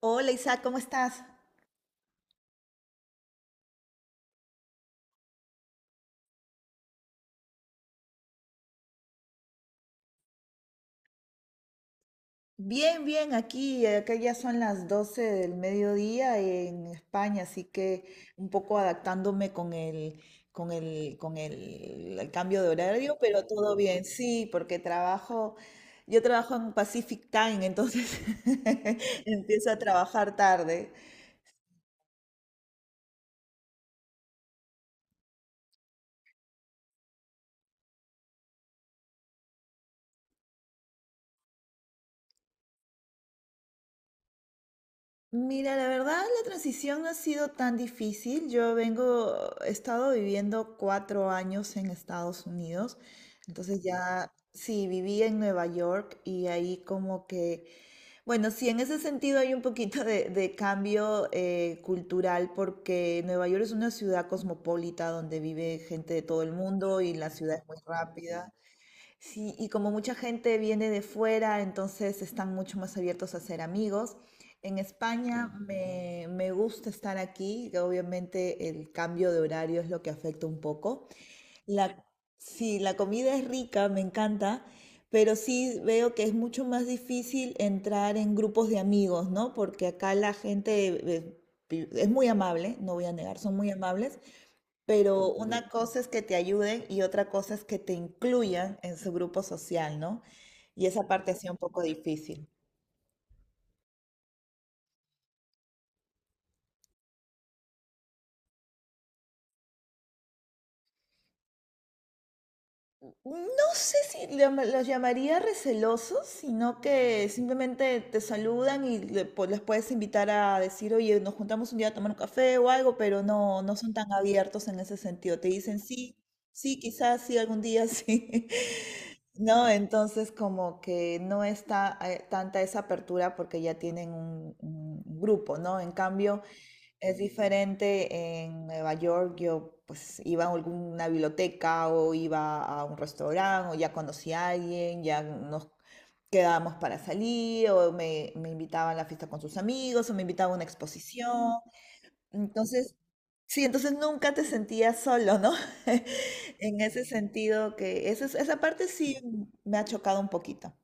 Hola Isaac, ¿cómo estás? Bien, bien, aquí, acá ya son las 12 del mediodía en España, así que un poco adaptándome con el cambio de horario, pero todo bien, sí, porque trabajo, yo trabajo en Pacific Time, entonces empiezo a trabajar tarde. Mira, la verdad, la transición no ha sido tan difícil. Yo vengo, he estado viviendo 4 años en Estados Unidos, entonces ya, sí, viví en Nueva York y ahí como que, bueno, sí, en ese sentido hay un poquito de cambio cultural porque Nueva York es una ciudad cosmopolita donde vive gente de todo el mundo y la ciudad es muy rápida. Sí, y como mucha gente viene de fuera, entonces están mucho más abiertos a ser amigos. En España sí, me gusta estar aquí, que obviamente el cambio de horario es lo que afecta un poco. La, sí, la comida es rica, me encanta, pero sí veo que es mucho más difícil entrar en grupos de amigos, ¿no? Porque acá la gente es muy amable, no voy a negar, son muy amables, pero una cosa es que te ayuden y otra cosa es que te incluyan en su grupo social, ¿no? Y esa parte ha sido un poco difícil. No sé si los llamaría recelosos, sino que simplemente te saludan y les puedes invitar a decir, oye, nos juntamos un día a tomar un café o algo, pero no, no son tan abiertos en ese sentido. Te dicen sí, sí, quizás sí, algún día sí. No, entonces como que no está tanta esa apertura porque ya tienen un grupo, ¿no? En cambio, es diferente en Nueva York, yo pues iba a alguna biblioteca o iba a un restaurante o ya conocí a alguien, ya nos quedábamos para salir o me invitaban a la fiesta con sus amigos o me invitaban a una exposición. Entonces, sí, entonces nunca te sentías solo, ¿no? En ese sentido que esa parte sí me ha chocado un poquito.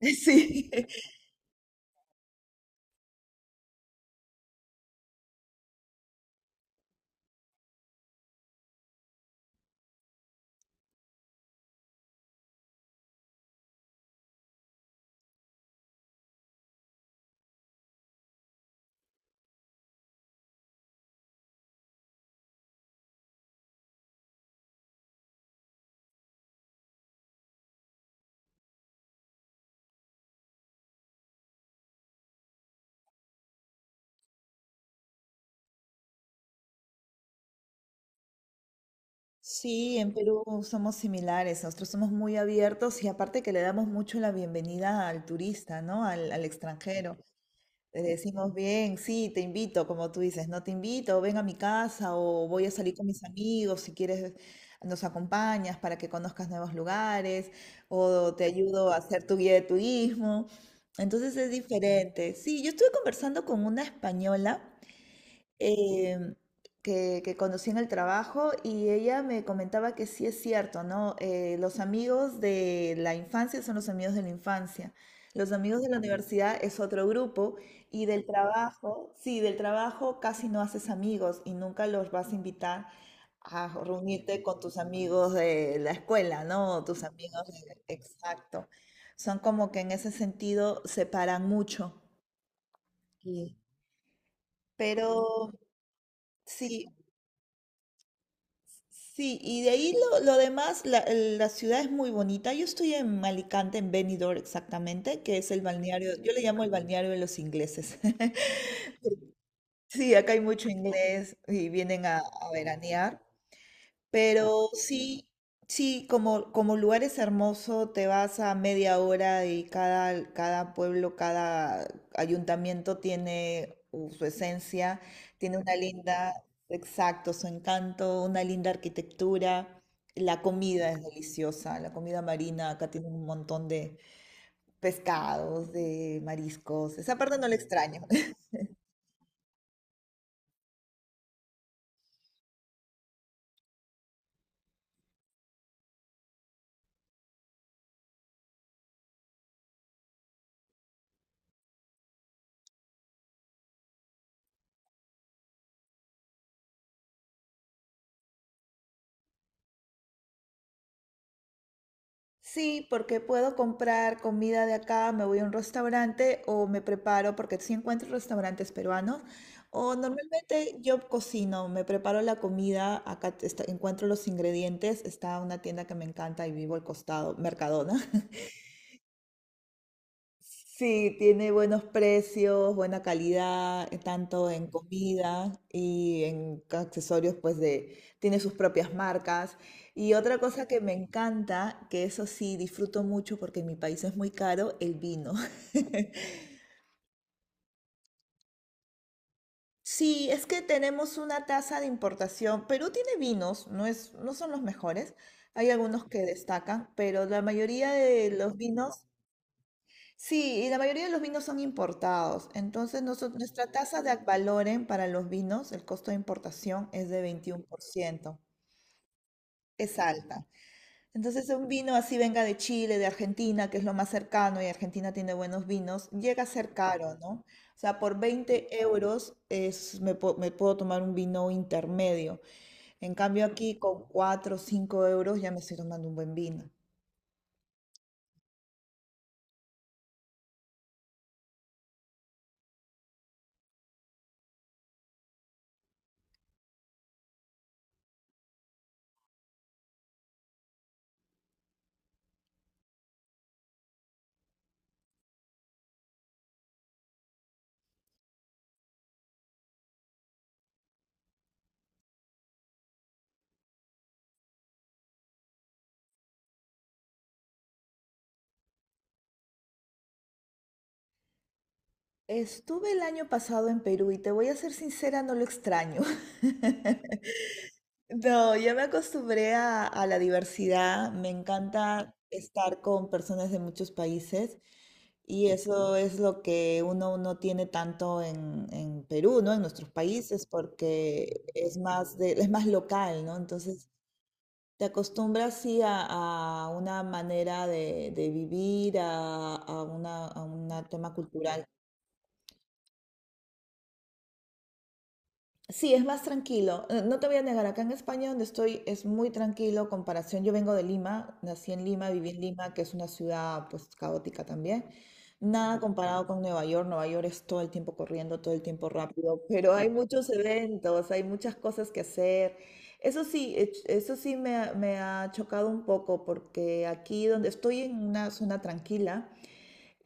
Sí. Sí, en Perú somos similares, nosotros somos muy abiertos y aparte que le damos mucho la bienvenida al turista, ¿no? Al, al extranjero. Le decimos bien, sí, te invito, como tú dices, no te invito, ven a mi casa o voy a salir con mis amigos, si quieres nos acompañas para que conozcas nuevos lugares o te ayudo a hacer tu guía de turismo. Entonces es diferente. Sí, yo estuve conversando con una española eh, que conocí en el trabajo y ella me comentaba que sí es cierto, ¿no? Los amigos de la infancia son los amigos de la infancia. Los amigos de la universidad es otro grupo y del trabajo, sí, del trabajo casi no haces amigos y nunca los vas a invitar a reunirte con tus amigos de la escuela, ¿no? Tus amigos, exacto. Son como que en ese sentido se paran mucho. Sí. Pero sí, sí, y de ahí lo demás, la ciudad es muy bonita. Yo estoy en Alicante, en Benidorm exactamente, que es el balneario, yo le llamo el balneario de los ingleses. Sí, acá hay mucho inglés y vienen a veranear. Pero sí, sí, como, como lugar es hermoso, te vas a media hora y cada pueblo, cada ayuntamiento tiene su esencia, tiene una linda, exacto, su encanto, una linda arquitectura. La comida es deliciosa, la comida marina, acá tiene un montón de pescados, de mariscos. Esa parte no la extraño. Sí, porque puedo comprar comida de acá, me voy a un restaurante o me preparo, porque sí encuentro restaurantes peruanos, o normalmente yo cocino, me preparo la comida, acá encuentro los ingredientes, está una tienda que me encanta y vivo al costado, Mercadona. Sí, tiene buenos precios, buena calidad, tanto en comida y en accesorios, pues de, tiene sus propias marcas. Y otra cosa que me encanta, que eso sí disfruto mucho porque en mi país es muy caro, el vino. Sí, es que tenemos una tasa de importación. Perú tiene vinos, no es, no son los mejores. Hay algunos que destacan, pero la mayoría de los vinos sí, y la mayoría de los vinos son importados. Entonces, nuestra tasa de Ad valorem para los vinos, el costo de importación es de 21%. Es alta. Entonces, un vino así venga de Chile, de Argentina, que es lo más cercano, y Argentina tiene buenos vinos, llega a ser caro, ¿no? O sea, por 20 euros es, me puedo tomar un vino intermedio. En cambio, aquí con 4 o 5 euros ya me estoy tomando un buen vino. Estuve el año pasado en Perú y te voy a ser sincera, no lo extraño. No, ya me acostumbré a la diversidad, me encanta estar con personas de muchos países y eso es lo que uno no tiene tanto en Perú, ¿no? En nuestros países, porque es más de, es más local, ¿no? Entonces te acostumbras sí a una manera de vivir, a una, a un tema cultural. Sí, es más tranquilo. No te voy a negar, acá en España donde estoy es muy tranquilo comparación. Yo vengo de Lima, nací en Lima, viví en Lima, que es una ciudad pues caótica también. Nada comparado con Nueva York. Nueva York es todo el tiempo corriendo, todo el tiempo rápido, pero hay muchos eventos, hay muchas cosas que hacer. Eso sí, eso sí me ha chocado un poco porque aquí donde estoy en una zona tranquila.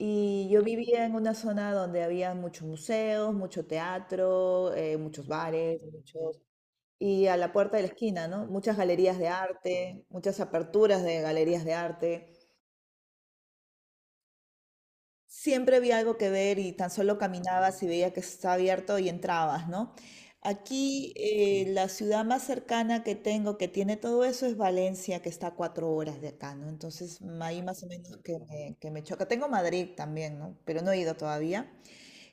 Y yo vivía en una zona donde había muchos museos, mucho teatro, muchos bares, muchos... Y a la puerta de la esquina, ¿no? Muchas galerías de arte, muchas aperturas de galerías de arte. Siempre había algo que ver y tan solo caminabas y veía que estaba abierto y entrabas, ¿no? Aquí la ciudad más cercana que tengo que tiene todo eso es Valencia, que está a 4 horas de acá, ¿no? Entonces ahí más o menos que me choca. Tengo Madrid también, ¿no? Pero no he ido todavía.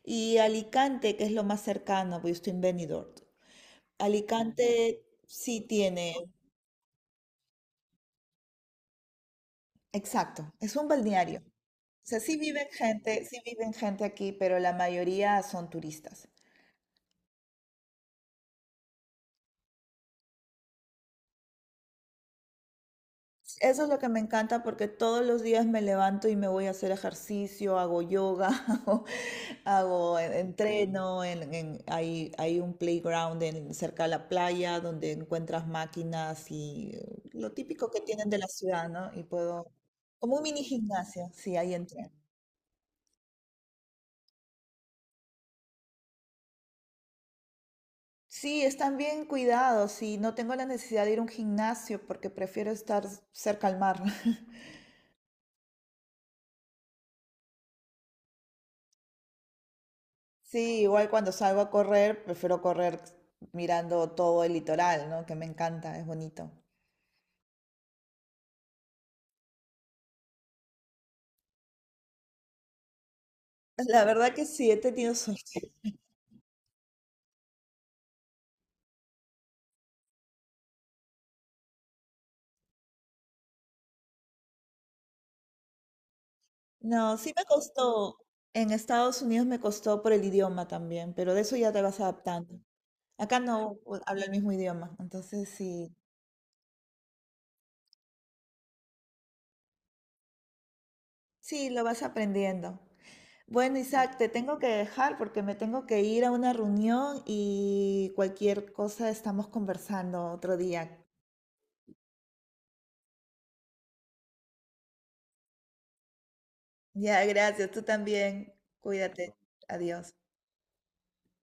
Y Alicante, que es lo más cercano, porque yo estoy en Benidorm. Alicante sí tiene, exacto, es un balneario. O sea, sí viven gente aquí, pero la mayoría son turistas. Eso es lo que me encanta porque todos los días me levanto y me voy a hacer ejercicio, hago yoga, hago, hago entreno, hay, hay un playground cerca de la playa donde encuentras máquinas y lo típico que tienen de la ciudad, ¿no? Y puedo, como un mini gimnasio, sí, ahí entreno. Sí, están bien cuidados y no tengo la necesidad de ir a un gimnasio porque prefiero estar cerca al mar. Sí, igual cuando salgo a correr, prefiero correr mirando todo el litoral, ¿no? Que me encanta, es bonito. La verdad que sí, he tenido suerte. No, sí me costó. En Estados Unidos me costó por el idioma también, pero de eso ya te vas adaptando. Acá no hablo el mismo idioma, entonces sí, sí, lo vas aprendiendo. Bueno, Isaac, te tengo que dejar porque me tengo que ir a una reunión y cualquier cosa estamos conversando otro día. Ya, gracias. Tú también. Cuídate. Adiós.